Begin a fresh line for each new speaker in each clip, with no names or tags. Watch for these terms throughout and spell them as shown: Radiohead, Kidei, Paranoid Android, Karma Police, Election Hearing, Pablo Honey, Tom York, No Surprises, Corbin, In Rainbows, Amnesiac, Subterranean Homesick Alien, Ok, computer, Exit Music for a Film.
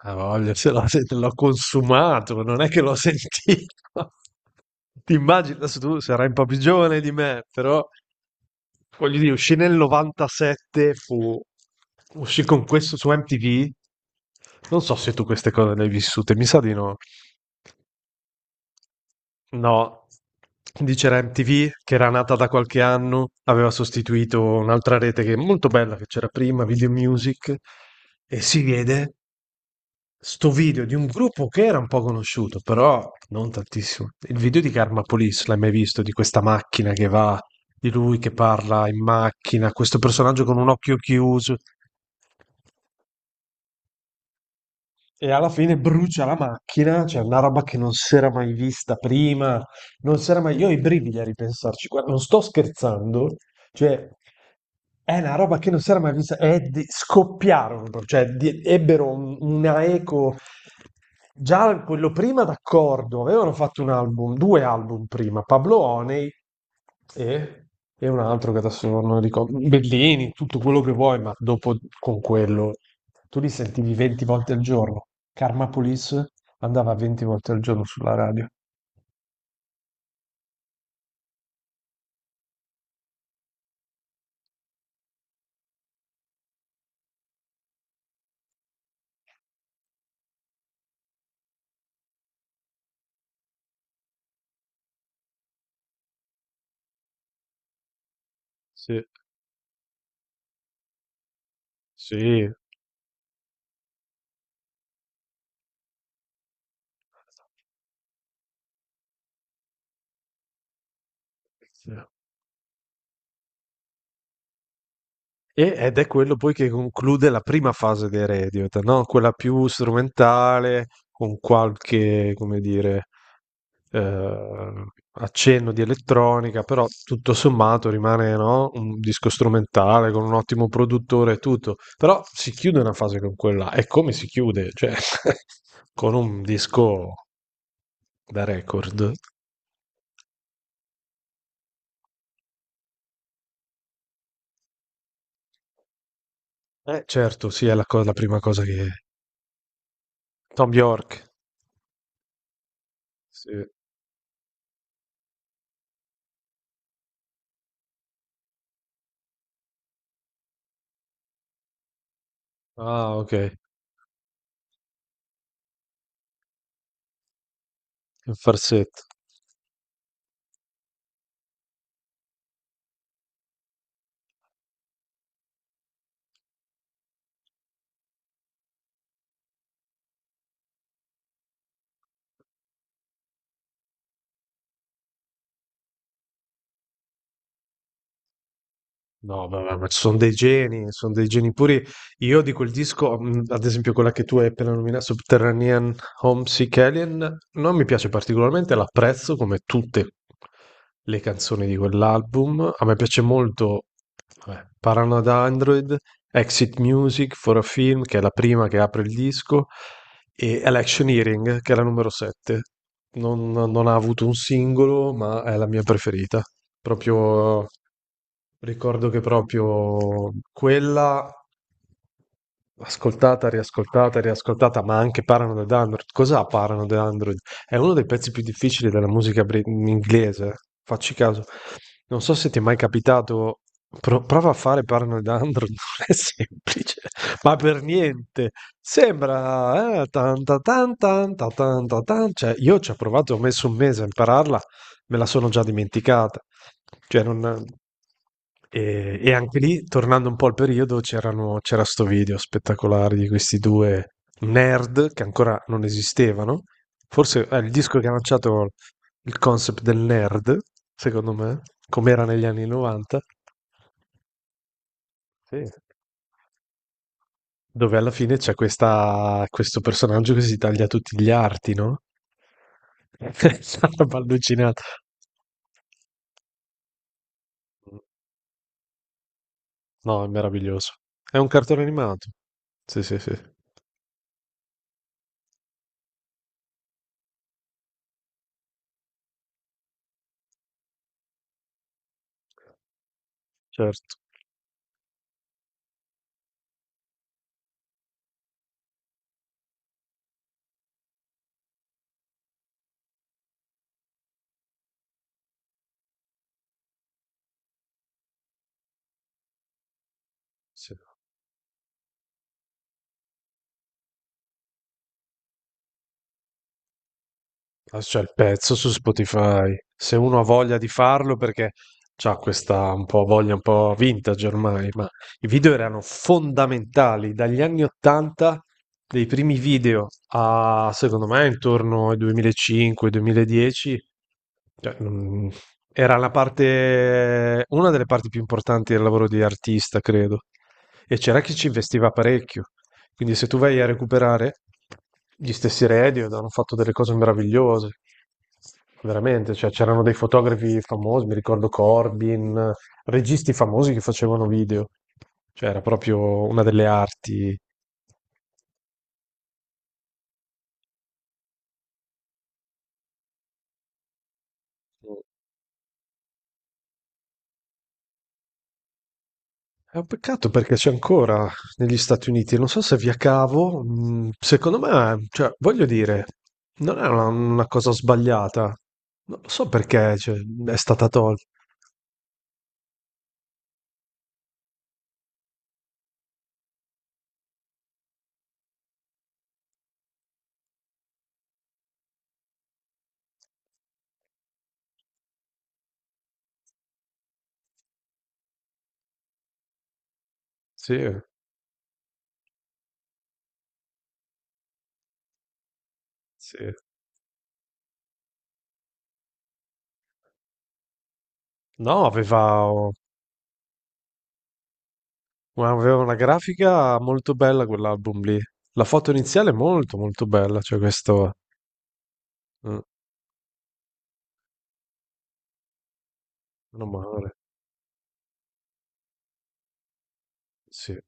Ha voglia, se l'ho consumato, non è che l'ho sentito. Ti immagini, adesso tu sarai un po' più giovane di me, però voglio dire, uscì nel 97, uscì con questo su MTV. Non so se tu queste cose le hai vissute, mi sa di no. No, quindi c'era MTV che era nata da qualche anno, aveva sostituito un'altra rete che è molto bella che c'era prima, Video Music, e si vede sto video di un gruppo che era un po' conosciuto, però non tantissimo. Il video di Karma Police, l'hai mai visto? Di questa macchina che va, di lui che parla in macchina, questo personaggio con un occhio chiuso. E alla fine brucia la macchina, cioè una roba che non si era mai vista prima, non si era mai... Io ho i brividi a ripensarci, guarda, non sto scherzando, cioè è una roba che non si era mai vista, è di- scoppiarono, proprio, cioè di- ebbero un- una eco, già quello prima d'accordo, avevano fatto un album, due album prima, Pablo Honey e, e un altro che adesso non ricordo, Bellini, tutto quello che vuoi, ma dopo con quello tu li sentivi 20 volte al giorno. Karma Police andava 20 volte al giorno sulla radio. Sì, sì. Sì. E- ed è quello poi che conclude la prima fase dei Radiohead, no? Quella più strumentale, con qualche, come dire, eh, accenno di elettronica, però tutto sommato rimane, no? Un disco strumentale con un ottimo produttore e tutto. Però si chiude una fase con quella, e come si chiude? Cioè, con un disco da record. Eh certo, sì, è la prima cosa che Tom York, sì. Ah okay, il farsetto. No, ma ci sono dei geni puri. Io di quel disco, ad esempio quella che tu hai appena nominato, Subterranean Homesick Alien, non mi piace particolarmente, l'apprezzo come tutte le canzoni di quell'album. A me piace molto vabbè, Paranoid Android, Exit Music for a Film, che è la prima che apre il disco, e Election Hearing, che è la numero 7. Non ha avuto un singolo, ma è la mia preferita. Proprio. Ricordo che proprio quella ascoltata, riascoltata, riascoltata, ma anche Paranoid Android. Cos'ha Paranoid Android? È uno dei pezzi più difficili della musica inglese. Facci caso. Non so se ti è mai capitato, prova a fare Paranoid Android, non è semplice, ma per niente. Sembra tan ta tan ta tan. Cioè, io ci ho provato, ho messo un mese a impararla, me la sono già dimenticata. Cioè, non... E anche lì, tornando un po' al periodo, c'era sto video spettacolare di questi due nerd che ancora non esistevano. Forse è il disco che ha lanciato il concept del nerd, secondo me, come era negli anni 90. Sì. Dove alla fine c'è questo personaggio che si taglia tutti gli arti, no? È una roba allucinata. No, è meraviglioso. È un cartone animato. Sì, sì, sì, certo. Sì. Ah, c'è il pezzo su Spotify. Se uno ha voglia di farlo, perché c'ha questa un po' voglia un po' vintage ormai, ma i video erano fondamentali dagli anni 80, dei primi video a secondo me intorno ai 2005-2010. Cioè, non- era la parte, una delle parti più importanti del lavoro di artista, credo. E c'era chi ci investiva parecchio. Quindi se tu vai a recuperare gli stessi Radiohead hanno fatto delle cose meravigliose, veramente, cioè c'erano dei fotografi famosi, mi ricordo Corbin, registi famosi che facevano video, cioè era proprio una delle arti. È un peccato perché c'è ancora negli Stati Uniti, non so se via cavo, secondo me, cioè, voglio dire, non è una cosa sbagliata, non lo so perché, cioè, è stata tolta. Sì, sì. No, aveva una grafica molto bella quell'album lì. La foto iniziale è molto molto bella, cioè questo... Mm, meno male, sì.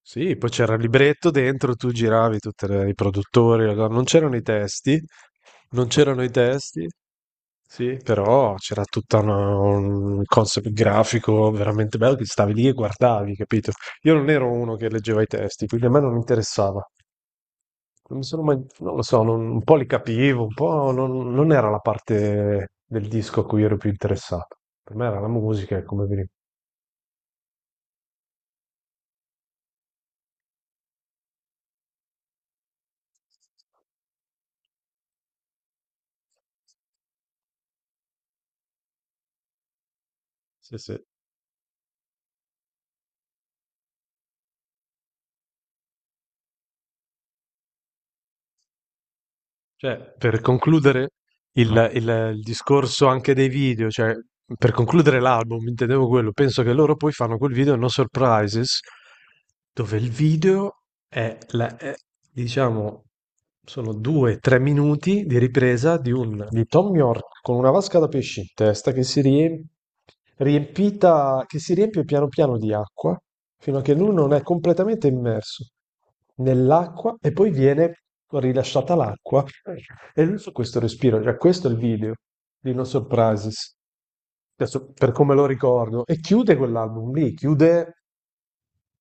Sì, poi c'era il libretto dentro, tu giravi tutti i produttori, allora non c'erano i testi, non c'erano i testi, sì, però c'era tutto un concept grafico veramente bello che stavi lì e guardavi, capito? Io non ero uno che leggeva i testi, quindi a me non interessava. Non sono mai- non lo so, non- un po' li capivo, un po' non, non era la parte del disco a cui ero più interessato. Per me era la musica, e come veniva. Sì, sì. Cioè, per concludere, Il, il- il discorso anche dei video, cioè per concludere l'album, intendevo quello. Penso che loro poi fanno quel video No Surprises, dove il video è, diciamo, sono due, tre minuti di ripresa di, un, di Tom York con una vasca da pesci in testa che si riempie, riempita, che si riempie piano piano di acqua fino a che lui non è completamente immerso nell'acqua e poi viene rilasciata l'acqua e lui su questo respiro, cioè questo è il video di No Surprises, adesso per come lo ricordo, e chiude quell'album lì, chiude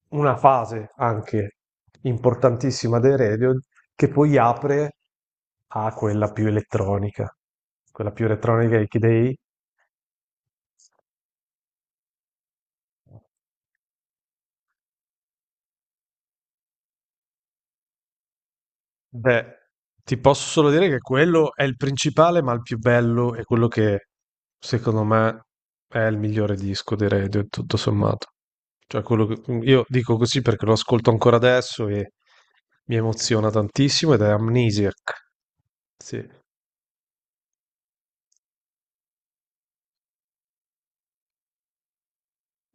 una fase anche importantissima dei Radio che poi apre a quella più elettronica di Kidei. Beh, ti posso solo dire che quello è il principale, ma il più bello è quello che secondo me è il migliore disco dei Radio, tutto sommato. Cioè, quello che mm, io dico così perché lo ascolto ancora adesso e mi emoziona tantissimo ed è Amnesiac. Sì.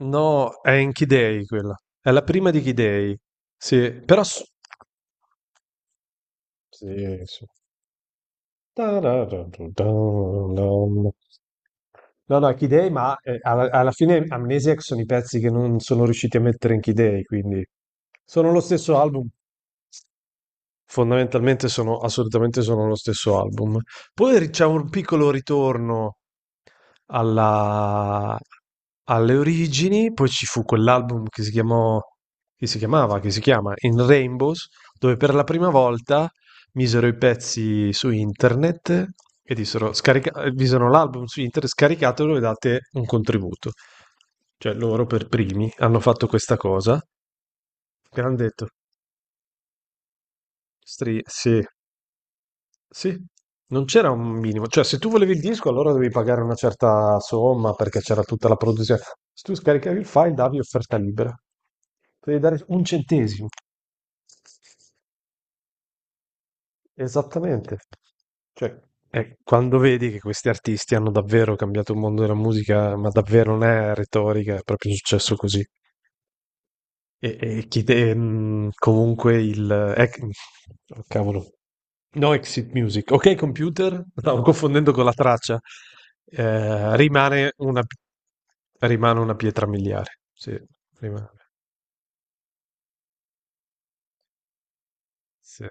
No, è in Key Day quella. È la prima di Key Day. Sì, però s- sì, sì. No, no, Key Day, ma alla fine Amnesiac sono i pezzi che non sono riusciti a mettere in Key Day, quindi sono lo stesso album. Fondamentalmente sono assolutamente sono lo stesso album. Poi c'è un piccolo ritorno alla- alle origini, poi ci fu quell'album che si chiamò, che si chiamava, che si chiama In Rainbows, dove per la prima volta misero i pezzi su internet e dissero, misero l'album su internet, scaricatelo e date un contributo. Cioè loro per primi hanno fatto questa cosa, che hanno detto, sì. Sì, non c'era un minimo, cioè se tu volevi il disco allora dovevi pagare una certa somma perché c'era tutta la produzione. Se tu scaricavi il file davi offerta libera, devi dare un centesimo. Esattamente. Cioè, quando vedi che questi artisti hanno davvero cambiato il mondo della musica, ma davvero non è retorica, è proprio successo così. E chi comunque il... ec- oh, cavolo. No, Exit Music. Ok, computer, stavo confondendo con la traccia. Eh, rimane una, rimane una pietra miliare. Sì, rimane. Sì.